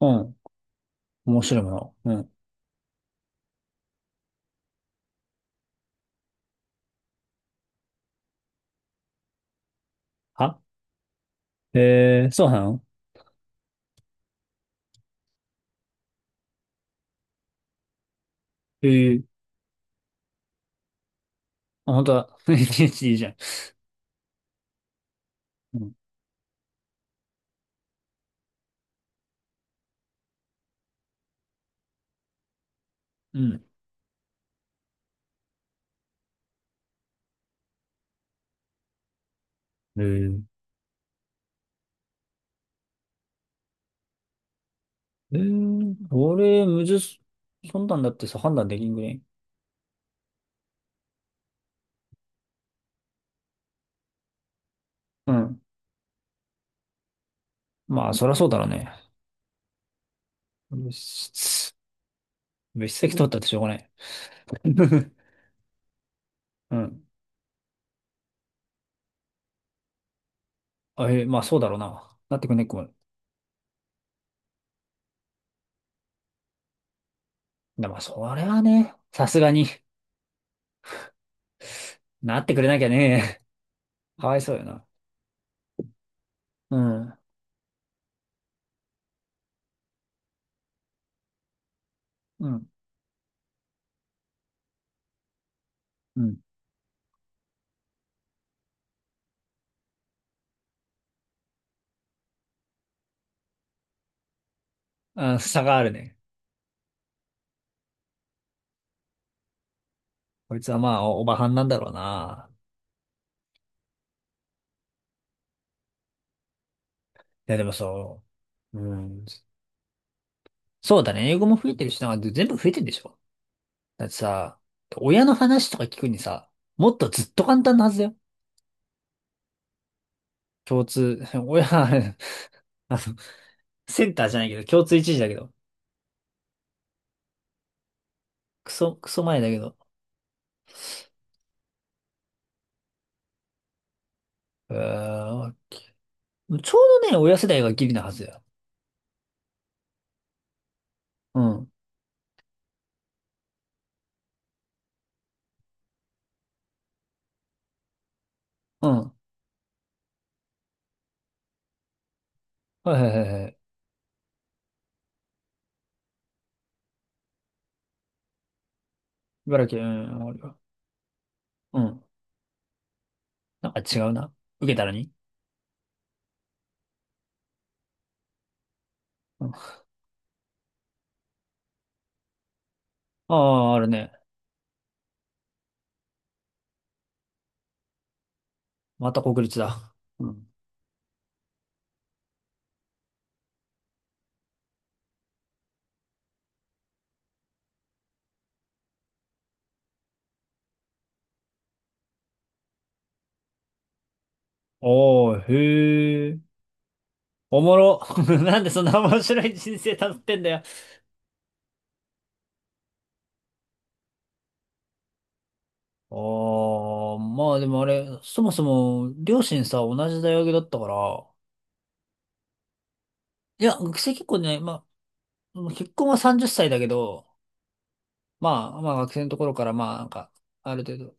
うん。面白いもの。うん。はえー、そうなのえー、あ、本当だ。い h じゃん。うん。うんえー、俺、むず、そんなんだってさ、判断できんぐらい。うん。まあ、そりゃそうだろうね。別室、別席取ったってしょうがない。うん。あ、まあ、そうだろうな。なってくんねっこも。でも、それはね、さすがになってくれなきゃね。かわいそうよな。うん。うん。うん。あ、差があるね。こいつはまあ、おばはんなんだろうな。や、でもそう。うん。そうだね。英語も増えてるしな、全部増えてるでしょ。だってさ、親の話とか聞くにさ、もっとずっと簡単なはずだよ。共通、親、あの、センターじゃないけど、共通一時だけど。クソ前だけど。うーん、ちょうどね、親世代がギリなはずだよ。うん。うん。はいはいはいはい。茨城、うん、あるよ。うん。なんか違うな。受けたらに。うん、ああ、あるね。また国立だ。うん。ああ、へえ。おもろ。なんでそんな面白い人生たどってんだよ。ああ、まあでもあれ、そもそも、両親さ、同じ大学だったから、いや、学生結婚ね、まあ、結婚は30歳だけど、まあ、まあ学生のところから、まあなんか、ある程度、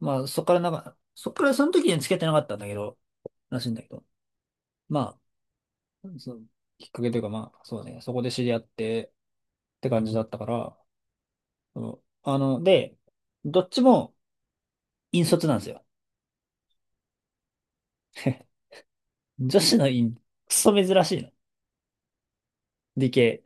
まあそっからその時には付き合ってなかったんだけど、らしいんだけど、まあ、そのきっかけというかまあ、そうね、そこで知り合ってって感じだったから、うん、で、どっちも引率なんですよ。女子の院、クソ珍しいの。理系。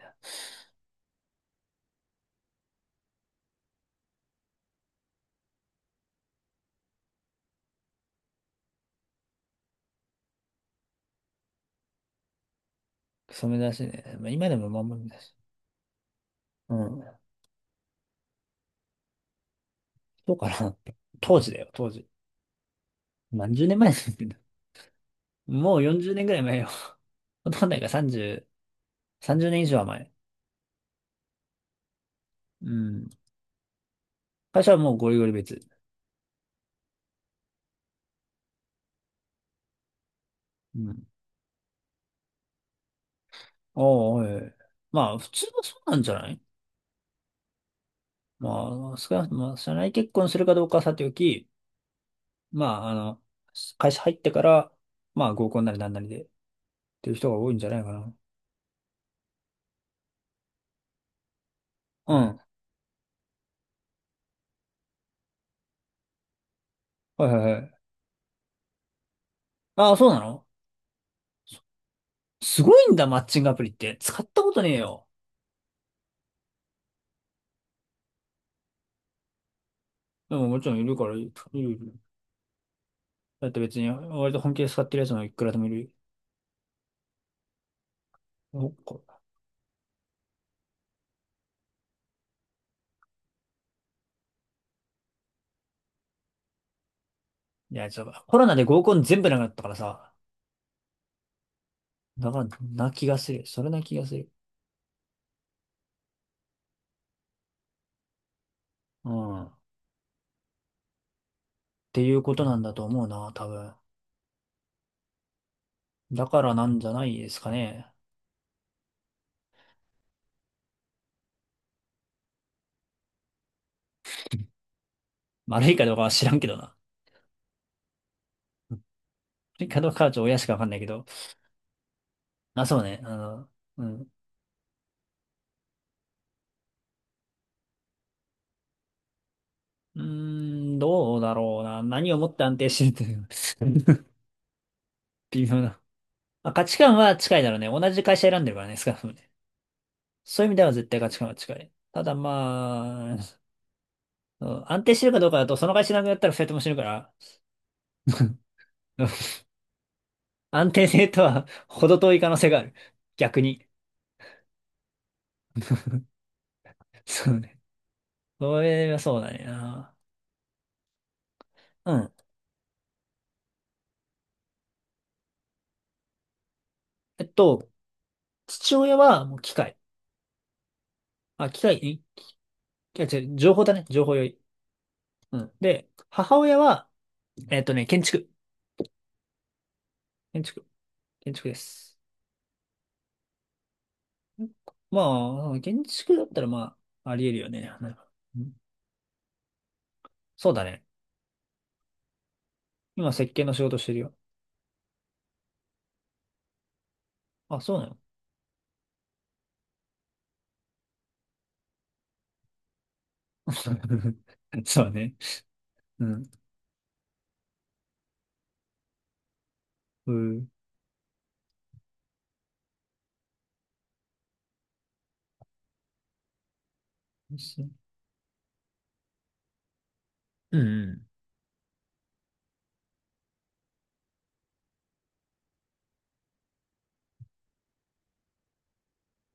クソ珍しいね。まあ、今でもまあまあ珍しい。うん。そうかな。当時だよ、当時。何十年前ですけど。もう40年ぐらい前よ。ほとんどないから30年以上は前。うん。会社はもうゴリゴリ別。うん。おーおい。まあ、普通はそうなんじゃない？まあ、少なくとも、社内結婚するかどうかはさておき、まあ、会社入ってから、まあ、合コンなりなんなりで、っていう人が多いんじゃないかな。うん。はいはいはい。ああ、そうなの？すごいんだ、マッチングアプリって。使ったことねえよ。でももちろんいるから、いる、いる。いる。だって別に、割と本気で使ってるやつもいくらでもいる。おこいや、コロナで合コン全部なくなったからさ。だから、な気がする。それな気がする。うん。っていうことなんだと思うな、多分。だからなんじゃないですかね。悪いかどうかは知らんけどな。悪いかどうかはちょっと親しかわかんないけど。あ、そうね。うん。うーん、どうだろうな。何をもって安定してるっていう。微妙な。まあ、価値観は近いだろうね。同じ会社選んでるからね、少なくともね。そういう意味では絶対価値観は近い。ただまあ、うん、安定してるかどうかだと、その会社なくなったら二人とも死ぬから、安定性とは程遠い可能性がある。逆に。そうね。それはそうだねな。うん。えっと、父親はもう機械。あ、機械、いや違う、情報だね。情報より。うん。で、母親は、建築。建築。建築です。まあ、建築だったらまあ、あり得るよね。うん、そうだね。今、設計の仕事してるよ。あ、そうなの？ そうだね。うん。うん。うん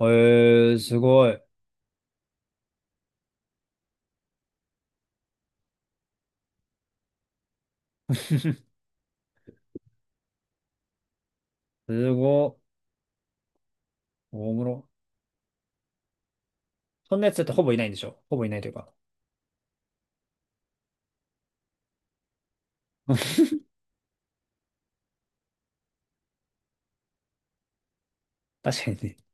うん。へえー、すごい。すごい。おもろ。そんなやつだってほぼいないんでしょ？ほぼいないというか。確かにね。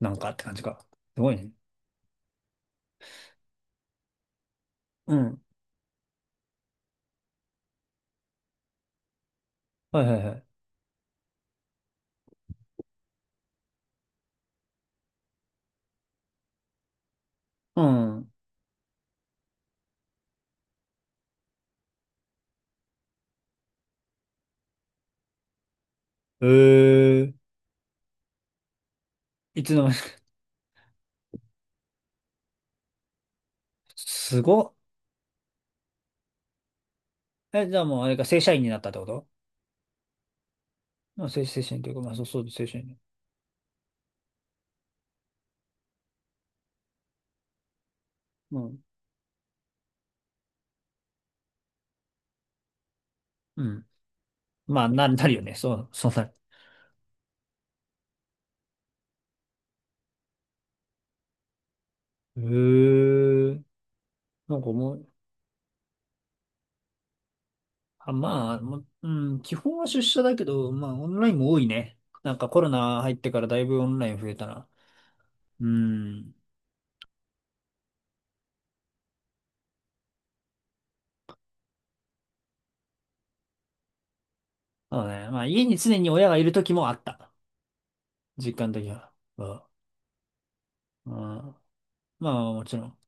なんかって感じか。すごいね。うん。はいはいはい。うん。えー。いつの間にか。すごっ。え、じゃあもうあれか、正社員になったってこと？まあ、正社員というか、まあ、そう、そう、正社員。うん。うん。まあ、なるよね。そうなる。へえ。なんかもう、あ、まあ、もう、うん、基本は出社だけど、まあ、オンラインも多いね。なんかコロナ入ってからだいぶオンライン増えたな。うん。そうね。まあ、家に常に親がいる時もあった。実感的には。うん。うん、まあ、もちろん。